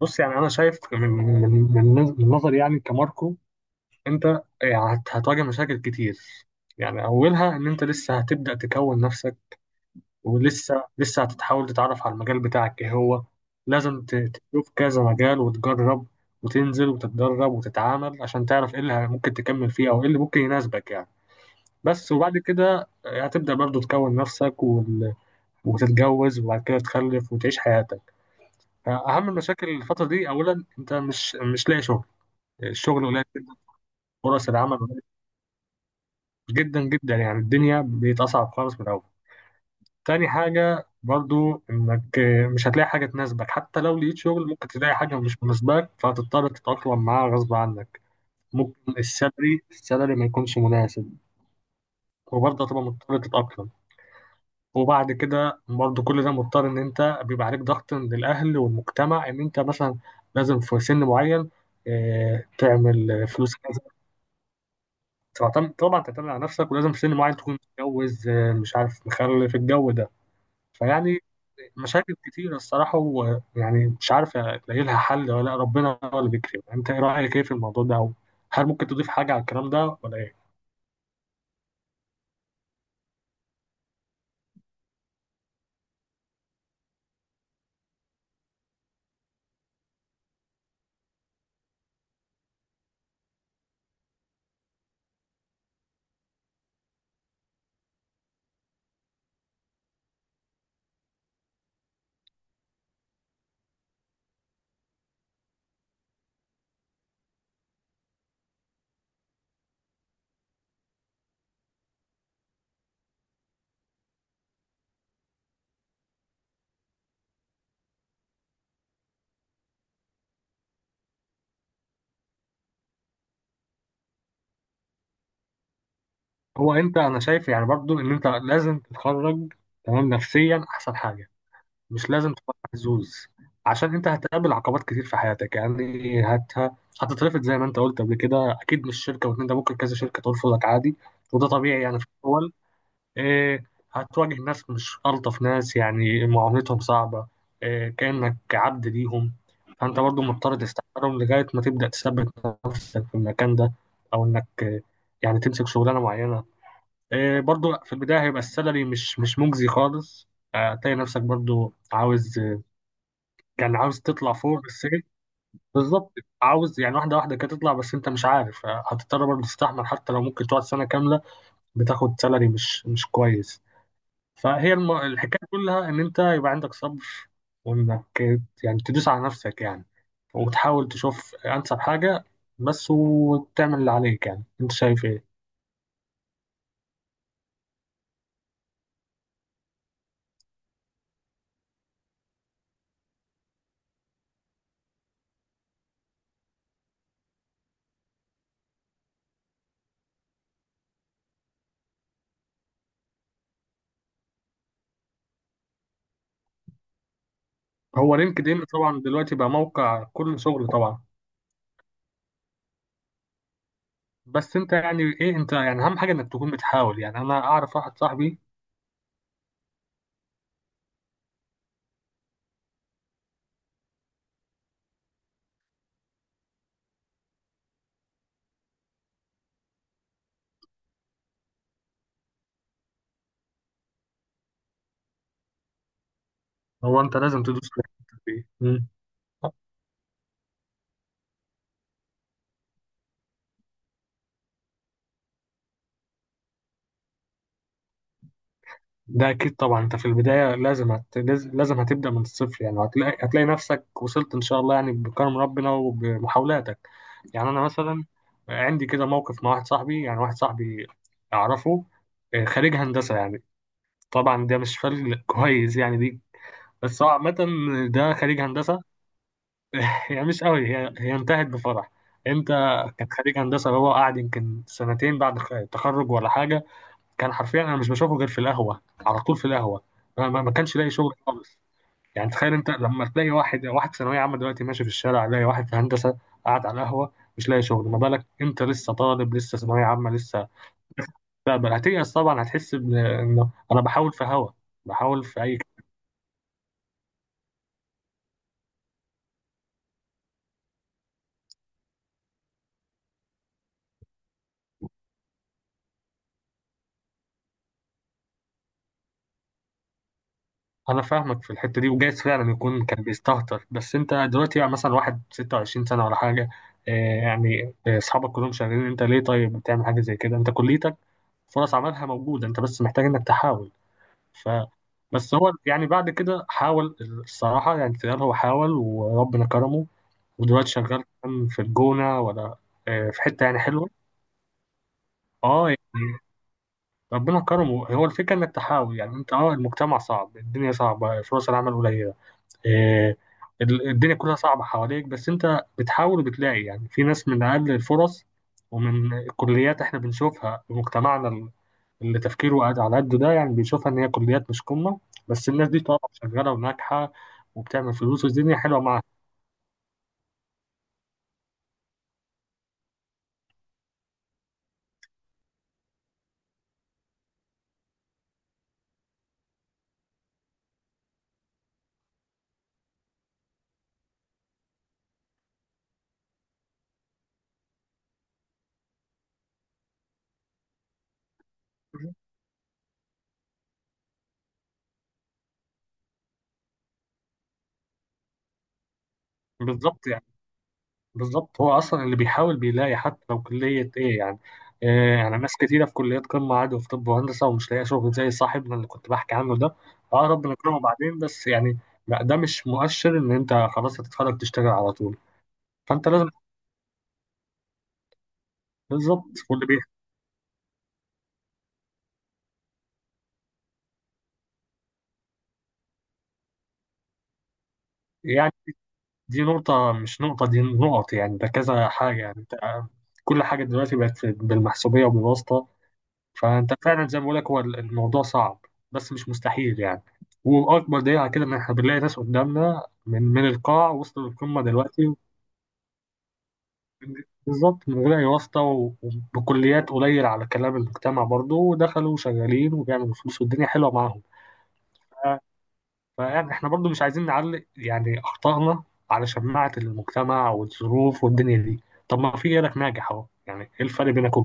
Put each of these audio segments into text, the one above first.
بص، انا شايف من نظري، يعني كماركو انت هتواجه مشاكل كتير. يعني اولها ان انت لسه هتبدا تكون نفسك، ولسه هتتحاول تتعرف على المجال بتاعك ايه هو. لازم تشوف كذا مجال وتجرب وتنزل وتتدرب وتتعامل عشان تعرف ايه اللي ممكن تكمل فيه او ايه اللي ممكن يناسبك يعني. بس وبعد كده هتبدا برضو تكون نفسك وتتجوز وبعد كده تخلف وتعيش حياتك. اهم المشاكل الفتره دي، اولا انت مش لاقي شغل، الشغل قليل جدا، فرص العمل قليلة جدا جدا. يعني الدنيا بقت أصعب خالص من الأول. تاني حاجة برضو إنك مش هتلاقي حاجة تناسبك، حتى لو لقيت شغل ممكن تلاقي حاجة مش مناسباك فهتضطر تتأقلم معاها غصب عنك. ممكن السالري ما يكونش مناسب وبرضه هتبقى مضطر تتأقلم. وبعد كده برضه كل ده مضطر إن أنت بيبقى عليك ضغط من الأهل والمجتمع إن أنت مثلا لازم في سن معين تعمل فلوس، تعتمد طبعا تعتمد على نفسك، ولازم في سن معين تكون متجوز، مش عارف مخلف، الجو ده. فيعني، مشاكل كتيرة الصراحة، ويعني مش عارف ألاقي لها حل ولا لأ، ربنا هو اللي بيكرم. أنت إيه رأيك إيه في الموضوع ده، أو هل ممكن تضيف حاجة على الكلام ده ولا إيه؟ هو أنا شايف يعني برضو إن أنت لازم تتخرج تمام نفسيا، أحسن حاجة. مش لازم تبقى محظوظ، عشان انت هتقابل عقبات كتير في حياتك. يعني هتترفض زي ما انت قلت قبل كده، اكيد مش شركه واتنين، ده ممكن كذا شركه ترفضك عادي، وده طبيعي يعني في الاول. إيه هتواجه ناس مش الطف ناس، يعني معاملتهم صعبه، كانك عبد ليهم، فانت برضو مضطر تستحملهم لغايه ما تبدا تثبت نفسك في المكان ده، او انك يعني تمسك شغلانه معينه. برضو في البدايه هيبقى السالري مش مجزي خالص. هتلاقي نفسك برضو عاوز، كان عاوز تطلع فوق السجن بالظبط، عاوز يعني واحدة واحدة كده تطلع، بس انت مش عارف، هتضطر برضه تستحمل حتى لو ممكن تقعد سنة كاملة بتاخد سالري مش كويس. فهي الحكاية كلها ان انت يبقى عندك صبر، وانك يعني تدوس على نفسك، يعني وتحاول تشوف انسب حاجة بس، وتعمل اللي عليك. يعني انت شايف ايه؟ هو لينكد ان طبعا دلوقتي بقى موقع كل شغل طبعا. بس انت يعني اهم حاجة انك تكون بتحاول. يعني انا اعرف واحد صاحبي، هو انت لازم تدوس في الحتة دي. مم. ده اكيد طبعا، انت في البدايه لازم لازم هتبدا من الصفر. يعني هتلاقي نفسك وصلت ان شاء الله، يعني بكرم ربنا وبمحاولاتك. يعني انا مثلا عندي كده موقف مع واحد صاحبي اعرفه، خريج هندسه يعني. طبعا ده مش فرق كويس، يعني دي، بس هو عامه ده خريج هندسه. يعني مش قوي، هي هي انتهت بفرح. انت، كان خريج هندسه، هو قاعد يمكن سنتين بعد التخرج ولا حاجه. كان حرفيا انا مش بشوفه غير في القهوه، على طول في القهوه. ما كانش لاقي شغل خالص. يعني تخيل انت لما تلاقي واحد ثانويه عامه دلوقتي ماشي في الشارع، لاقي واحد في هندسه قاعد على القهوه مش لاقي شغل. ما بالك انت لسه طالب، لسه ثانويه عامه لسه، تقبل. هتيأس طبعا، هتحس انه انا بحاول في هوا، بحاول في اي. انا فاهمك في الحته دي، وجايز فعلا يكون كان بيستهتر. بس انت دلوقتي يعني مثلا واحد 26 سنه ولا حاجه، آه، يعني اصحابك كلهم شغالين، انت ليه طيب بتعمل حاجه زي كده؟ انت كليتك فرص عملها موجودة، انت بس محتاج انك تحاول. ف بس هو يعني بعد كده حاول، الصراحة يعني تيار هو حاول وربنا كرمه، ودلوقتي شغال كمان في الجونة ولا في حتة يعني حلوة. اه يعني ربنا كرمه. هو الفكرة انك تحاول. يعني انت، اه، المجتمع صعب، الدنيا صعبة، فرص العمل قليلة، آه، الدنيا كلها صعبة حواليك، بس انت بتحاول وبتلاقي. يعني في ناس من اقل الفرص ومن الكليات احنا بنشوفها في مجتمعنا اللي تفكيره قاعد على قده ده، يعني بيشوفها ان هي كليات مش قمه، بس الناس دي طبعا شغاله وناجحه وبتعمل فلوس والدنيا حلوه معاها. بالظبط، يعني بالظبط، هو اصلا اللي بيحاول بيلاقي حتى لو كليه ايه يعني. آه، يعني ناس كتيره في كليات قمه عادي، في طب وهندسه، ومش لاقيه شغل زي صاحبنا اللي كنت بحكي عنه ده. اه ربنا يكرمه بعدين، بس يعني لا، ده مش مؤشر ان انت خلاص هتتخرج تشتغل على طول. فانت لازم بالظبط. واللي بي يعني دي نقطة، مش نقطة دي، نقط يعني، ده كذا حاجة. يعني انت كل حاجة دلوقتي بقت بالمحسوبية وبالواسطة. فأنت فعلا زي ما بقولك، هو الموضوع صعب بس مش مستحيل يعني، وأكبر دليل على كده إن إحنا بنلاقي ناس قدامنا من القاع وصلوا للقمة دلوقتي بالظبط، من غير أي واسطة، وبكليات قليل على كلام المجتمع برضه، ودخلوا شغالين وبيعملوا فلوس والدنيا حلوة معاهم. فيعني احنا برضو مش عايزين نعلق يعني اخطائنا على شماعة المجتمع والظروف والدنيا دي، طب ما في غيرك ناجح اهو، يعني ايه الفرق بينكم؟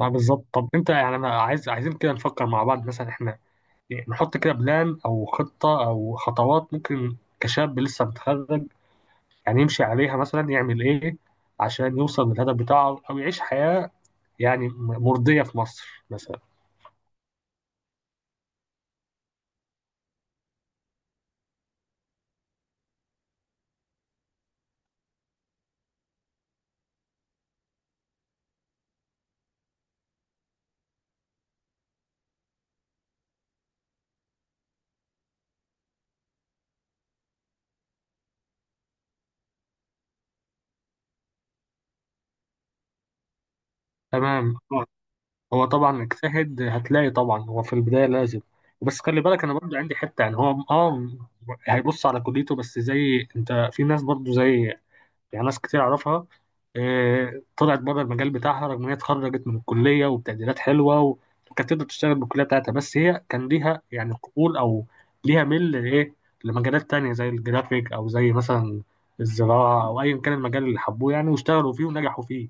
ما بالظبط. طب انت يعني انا عايزين كده نفكر مع بعض مثلا، احنا يعني نحط كده بلان او خطة او خطوات ممكن كشاب لسه متخرج يعني يمشي عليها، مثلا يعمل ايه عشان يوصل للهدف بتاعه او يعيش حياة يعني مرضية في مصر مثلا. تمام. هو طبعا اجتهد هتلاقي طبعا، هو في البداية لازم، بس خلي بالك انا برضه عندي حتة يعني. هو اه هيبص على كليته، بس زي انت في ناس برضه زي، يعني ناس كتير اعرفها، طلعت بره المجال بتاعها رغم ان هي اتخرجت من الكلية وبتقديرات حلوة وكانت تقدر تشتغل بالكلية بتاعتها، بس هي كان ليها يعني قبول او ليها ميل لايه، لمجالات تانية زي الجرافيك، او زي مثلا الزراعة، او ايا كان المجال اللي حبوه يعني، واشتغلوا فيه ونجحوا فيه.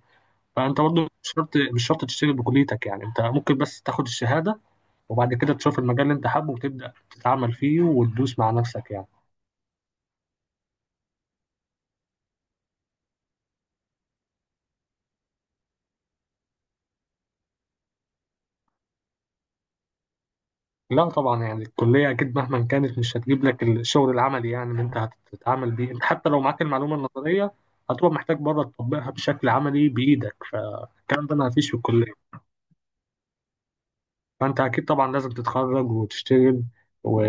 فانت برضو مش شرط تشتغل بكليتك، يعني انت ممكن بس تاخد الشهاده، وبعد كده تشوف المجال اللي انت حابه وتبدا تتعامل فيه وتدوس مع نفسك يعني. لا طبعا، يعني الكليه اكيد مهما كانت مش هتجيب لك الشغل العملي يعني اللي انت هتتعامل بيه. انت حتى لو معاك المعلومه النظريه، هتبقى محتاج بره تطبقها بشكل عملي بايدك، فالكلام ده ما فيش في الكليه. فانت اكيد طبعا لازم تتخرج وتشتغل، و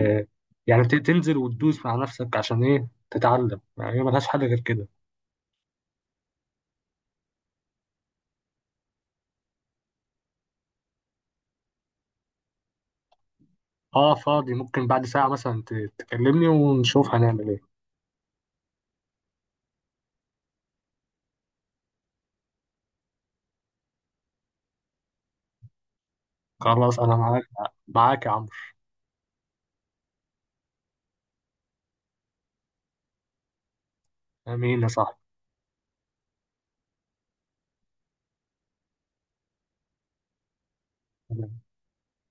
يعني تنزل وتدوس مع نفسك، عشان ايه؟ تتعلم، يعني هي ملهاش حل غير كده. اه، فاضي. ممكن بعد ساعة مثلا تكلمني ونشوف هنعمل ايه. خلاص، انا معاك، معاك يا عمرو. امين يا صاحبي.